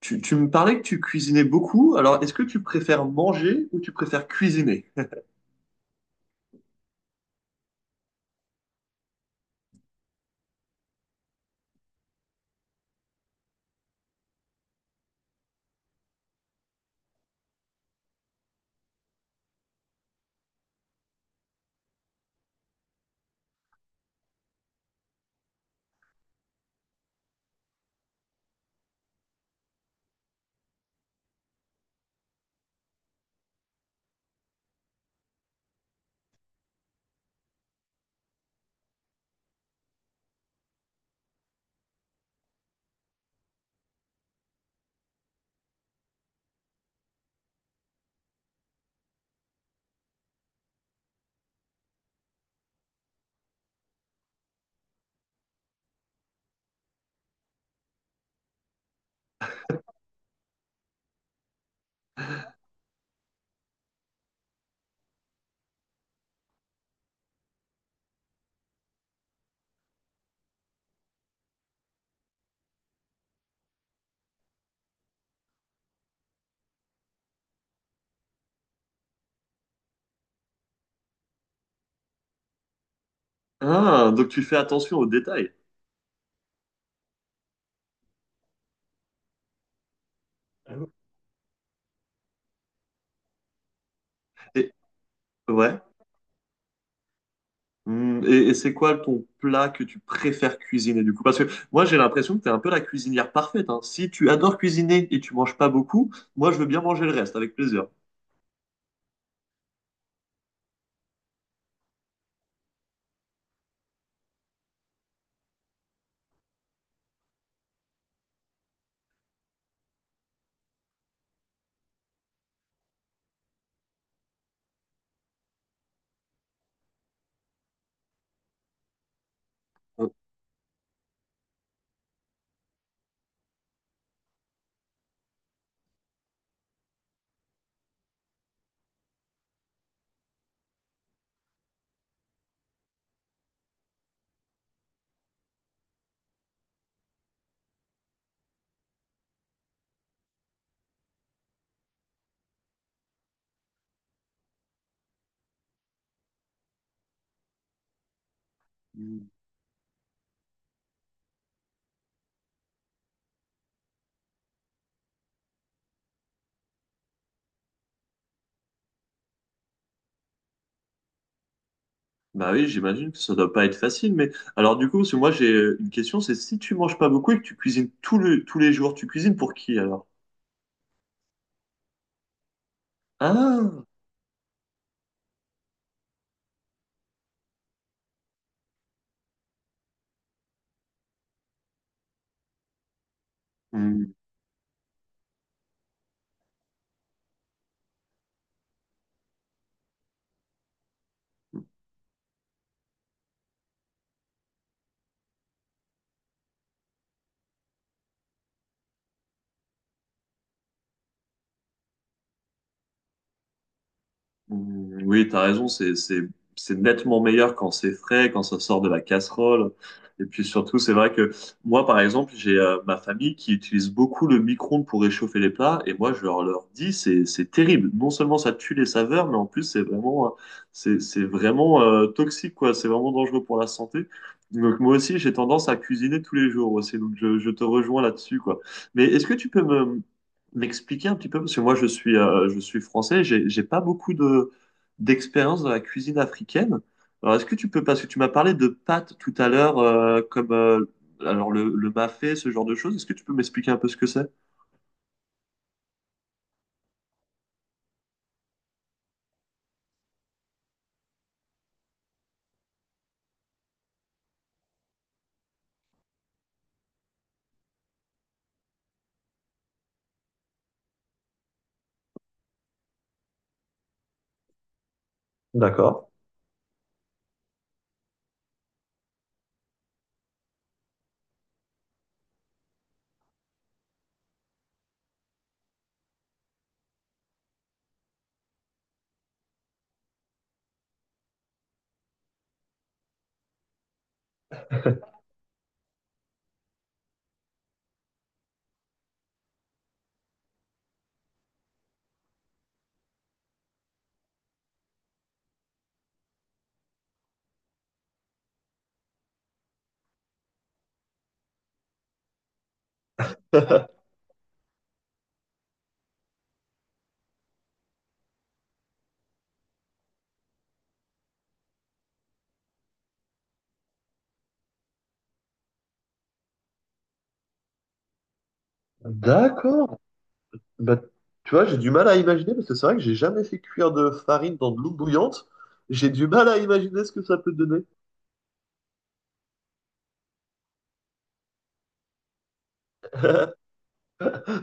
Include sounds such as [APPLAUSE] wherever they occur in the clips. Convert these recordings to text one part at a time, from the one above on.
Tu me parlais que tu cuisinais beaucoup, alors est-ce que tu préfères manger ou tu préfères cuisiner? Ah, donc tu fais attention aux détails. Et, ouais. Hmm, et c'est quoi ton plat que tu préfères cuisiner du coup? Parce que moi j'ai l'impression que tu es un peu la cuisinière parfaite, hein. Si tu adores cuisiner et tu manges pas beaucoup, moi je veux bien manger le reste avec plaisir. Oh. Bah oui, j'imagine que ça doit pas être facile, mais alors du coup, parce que moi j'ai une question, c'est si tu manges pas beaucoup et que tu cuisines tous les jours, tu cuisines pour qui alors? Ah! Mm, oui, t'as raison, c'est nettement meilleur quand c'est frais, quand ça sort de la casserole. Et puis surtout, c'est vrai que moi, par exemple, j'ai ma famille qui utilise beaucoup le micro-ondes pour réchauffer les plats. Et moi, je leur dis, c'est terrible. Non seulement ça tue les saveurs, mais en plus, c'est vraiment toxique, quoi. C'est vraiment dangereux pour la santé. Donc moi aussi, j'ai tendance à cuisiner tous les jours aussi. Donc je te rejoins là-dessus, quoi. Mais est-ce que tu peux me, M'expliquer un petit peu, parce que moi je suis français, j'ai pas beaucoup de d'expérience dans la cuisine africaine. Alors est-ce que tu peux, parce que tu m'as parlé de pâtes tout à l'heure, comme alors le mafé, ce genre de choses, est-ce que tu peux m'expliquer un peu ce que c'est? D'accord. Bah, tu vois, j'ai du mal à imaginer parce que c'est vrai que j'ai jamais fait cuire de farine dans de l'eau bouillante. J'ai du mal à imaginer ce que ça peut donner. [LAUGHS]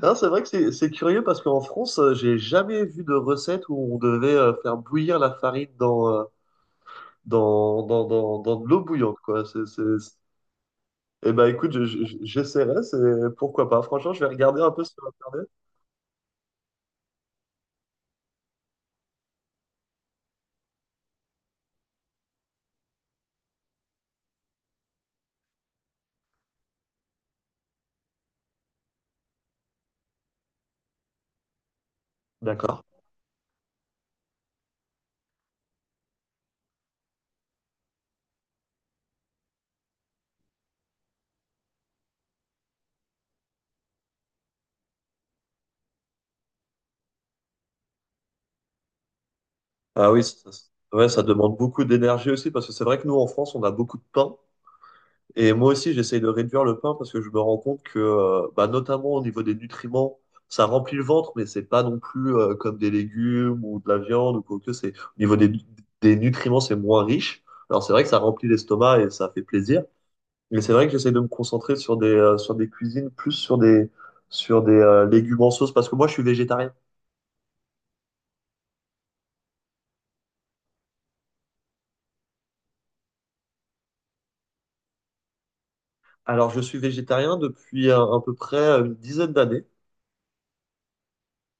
Non, c'est vrai que c'est curieux parce qu'en France, j'ai jamais vu de recette où on devait faire bouillir la farine dans de l'eau bouillante, quoi. Eh ben, écoute, j'essaierai, c'est... pourquoi pas. Franchement, je vais regarder un peu sur Internet. D'accord. Ah oui, ouais, ça demande beaucoup d'énergie aussi, parce que c'est vrai que nous, en France, on a beaucoup de pain. Et moi aussi, j'essaye de réduire le pain parce que je me rends compte que, bah, notamment au niveau des nutriments, ça remplit le ventre, mais c'est pas non plus comme des légumes ou de la viande ou quoi que c'est. Au niveau des nutriments, c'est moins riche. Alors c'est vrai que ça remplit l'estomac et ça fait plaisir. Mais c'est vrai que j'essaie de me concentrer sur des cuisines, plus sur des légumes en sauce, parce que moi, je suis végétarien. Alors, je suis végétarien depuis à peu près une dizaine d'années.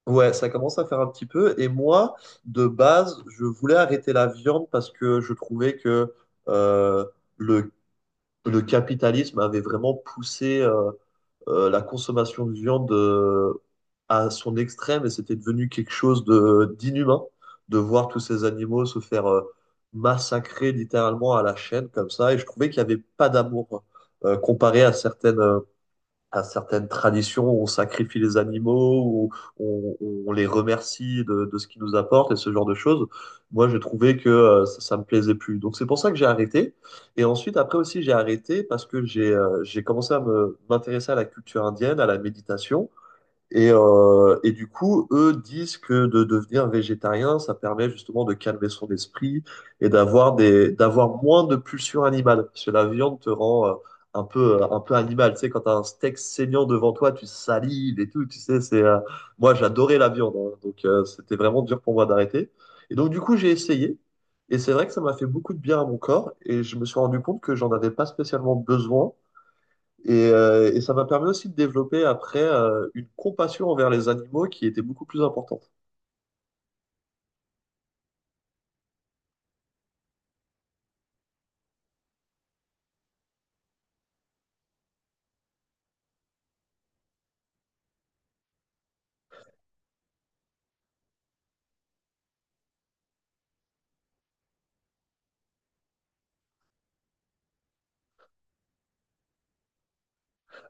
Ouais, ça commence à faire un petit peu. Et moi, de base, je voulais arrêter la viande parce que je trouvais que euh, le, le capitalisme avait vraiment poussé la consommation de viande à son extrême et c'était devenu quelque chose de d'inhumain de voir tous ces animaux se faire massacrer littéralement à la chaîne comme ça. Et je trouvais qu'il n'y avait pas d'amour comparé à à certaines traditions où on sacrifie les animaux, où on, on les remercie de ce qu'ils nous apportent et ce genre de choses. Moi, j'ai trouvé que ça, ça me plaisait plus. Donc, c'est pour ça que j'ai arrêté. Et ensuite, après aussi, j'ai arrêté parce que j'ai commencé à me m'intéresser à la culture indienne, à la méditation. Et du coup, eux disent que de devenir végétarien, ça permet justement de calmer son esprit et d'avoir des, d'avoir moins de pulsions animales. Parce que la viande te rend un peu animal. Tu sais, quand t'as un steak saignant devant toi, tu salives et tout. Tu sais, moi, j'adorais la viande, hein. Donc, c'était vraiment dur pour moi d'arrêter. Et donc, du coup, j'ai essayé. Et c'est vrai que ça m'a fait beaucoup de bien à mon corps. Et je me suis rendu compte que j'en avais pas spécialement besoin et ça m'a permis aussi de développer après une compassion envers les animaux qui était beaucoup plus importante.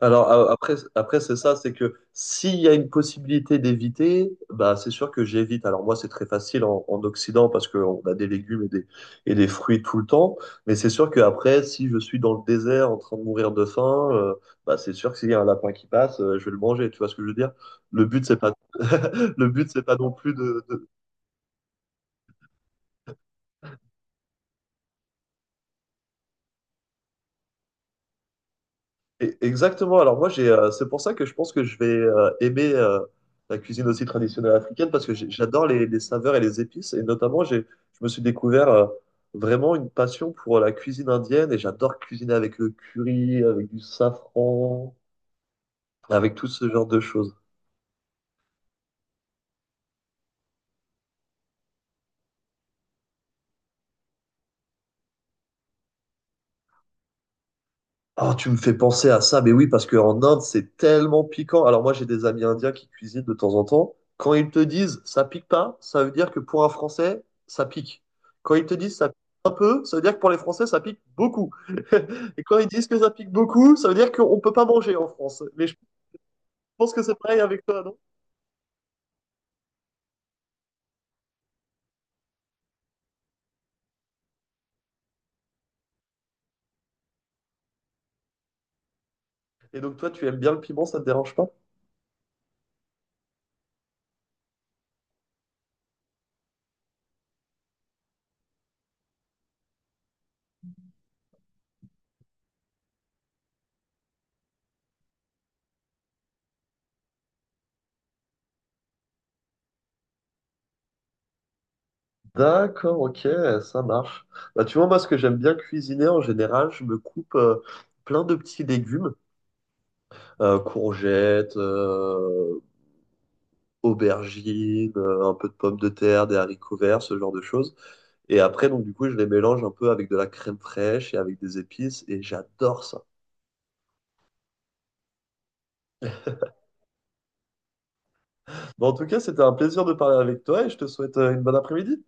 Alors après, après c'est ça, c'est que s'il y a une possibilité d'éviter, bah c'est sûr que j'évite. Alors moi c'est très facile en Occident parce qu'on a des légumes et des fruits tout le temps, mais c'est sûr qu'après si je suis dans le désert en train de mourir de faim, bah c'est sûr que s'il y a un lapin qui passe, je vais le manger. Tu vois ce que je veux dire? Le but c'est pas, le but c'est pas non plus de... Et... exactement. Alors moi, c'est pour ça que je pense que je vais aimer la cuisine aussi traditionnelle africaine parce que j'adore les saveurs et les épices. Et notamment, j'ai, je me suis découvert vraiment une passion pour la cuisine indienne et j'adore cuisiner avec le curry, avec du safran, avec tout ce genre de choses. Ah, tu me fais penser à ça, mais oui, parce qu'en Inde, c'est tellement piquant. Alors moi, j'ai des amis indiens qui cuisinent de temps en temps. Quand ils te disent ça pique pas, ça veut dire que pour un Français, ça pique. Quand ils te disent ça pique un peu, ça veut dire que pour les Français, ça pique beaucoup. [LAUGHS] Et quand ils disent que ça pique beaucoup, ça veut dire qu'on ne peut pas manger en France. Mais je pense que c'est pareil avec toi, non? Et donc toi, tu aimes bien le piment, ça te dérange pas? D'accord, ok, ça marche. Bah, tu vois, moi, ce que j'aime bien cuisiner en général, je me coupe plein de petits légumes: courgettes, aubergines, un peu de pommes de terre, des haricots verts, ce genre de choses. Et après, donc du coup, je les mélange un peu avec de la crème fraîche et avec des épices, et j'adore ça. Bon, en tout cas, c'était un plaisir de parler avec toi, et je te souhaite une bonne après-midi.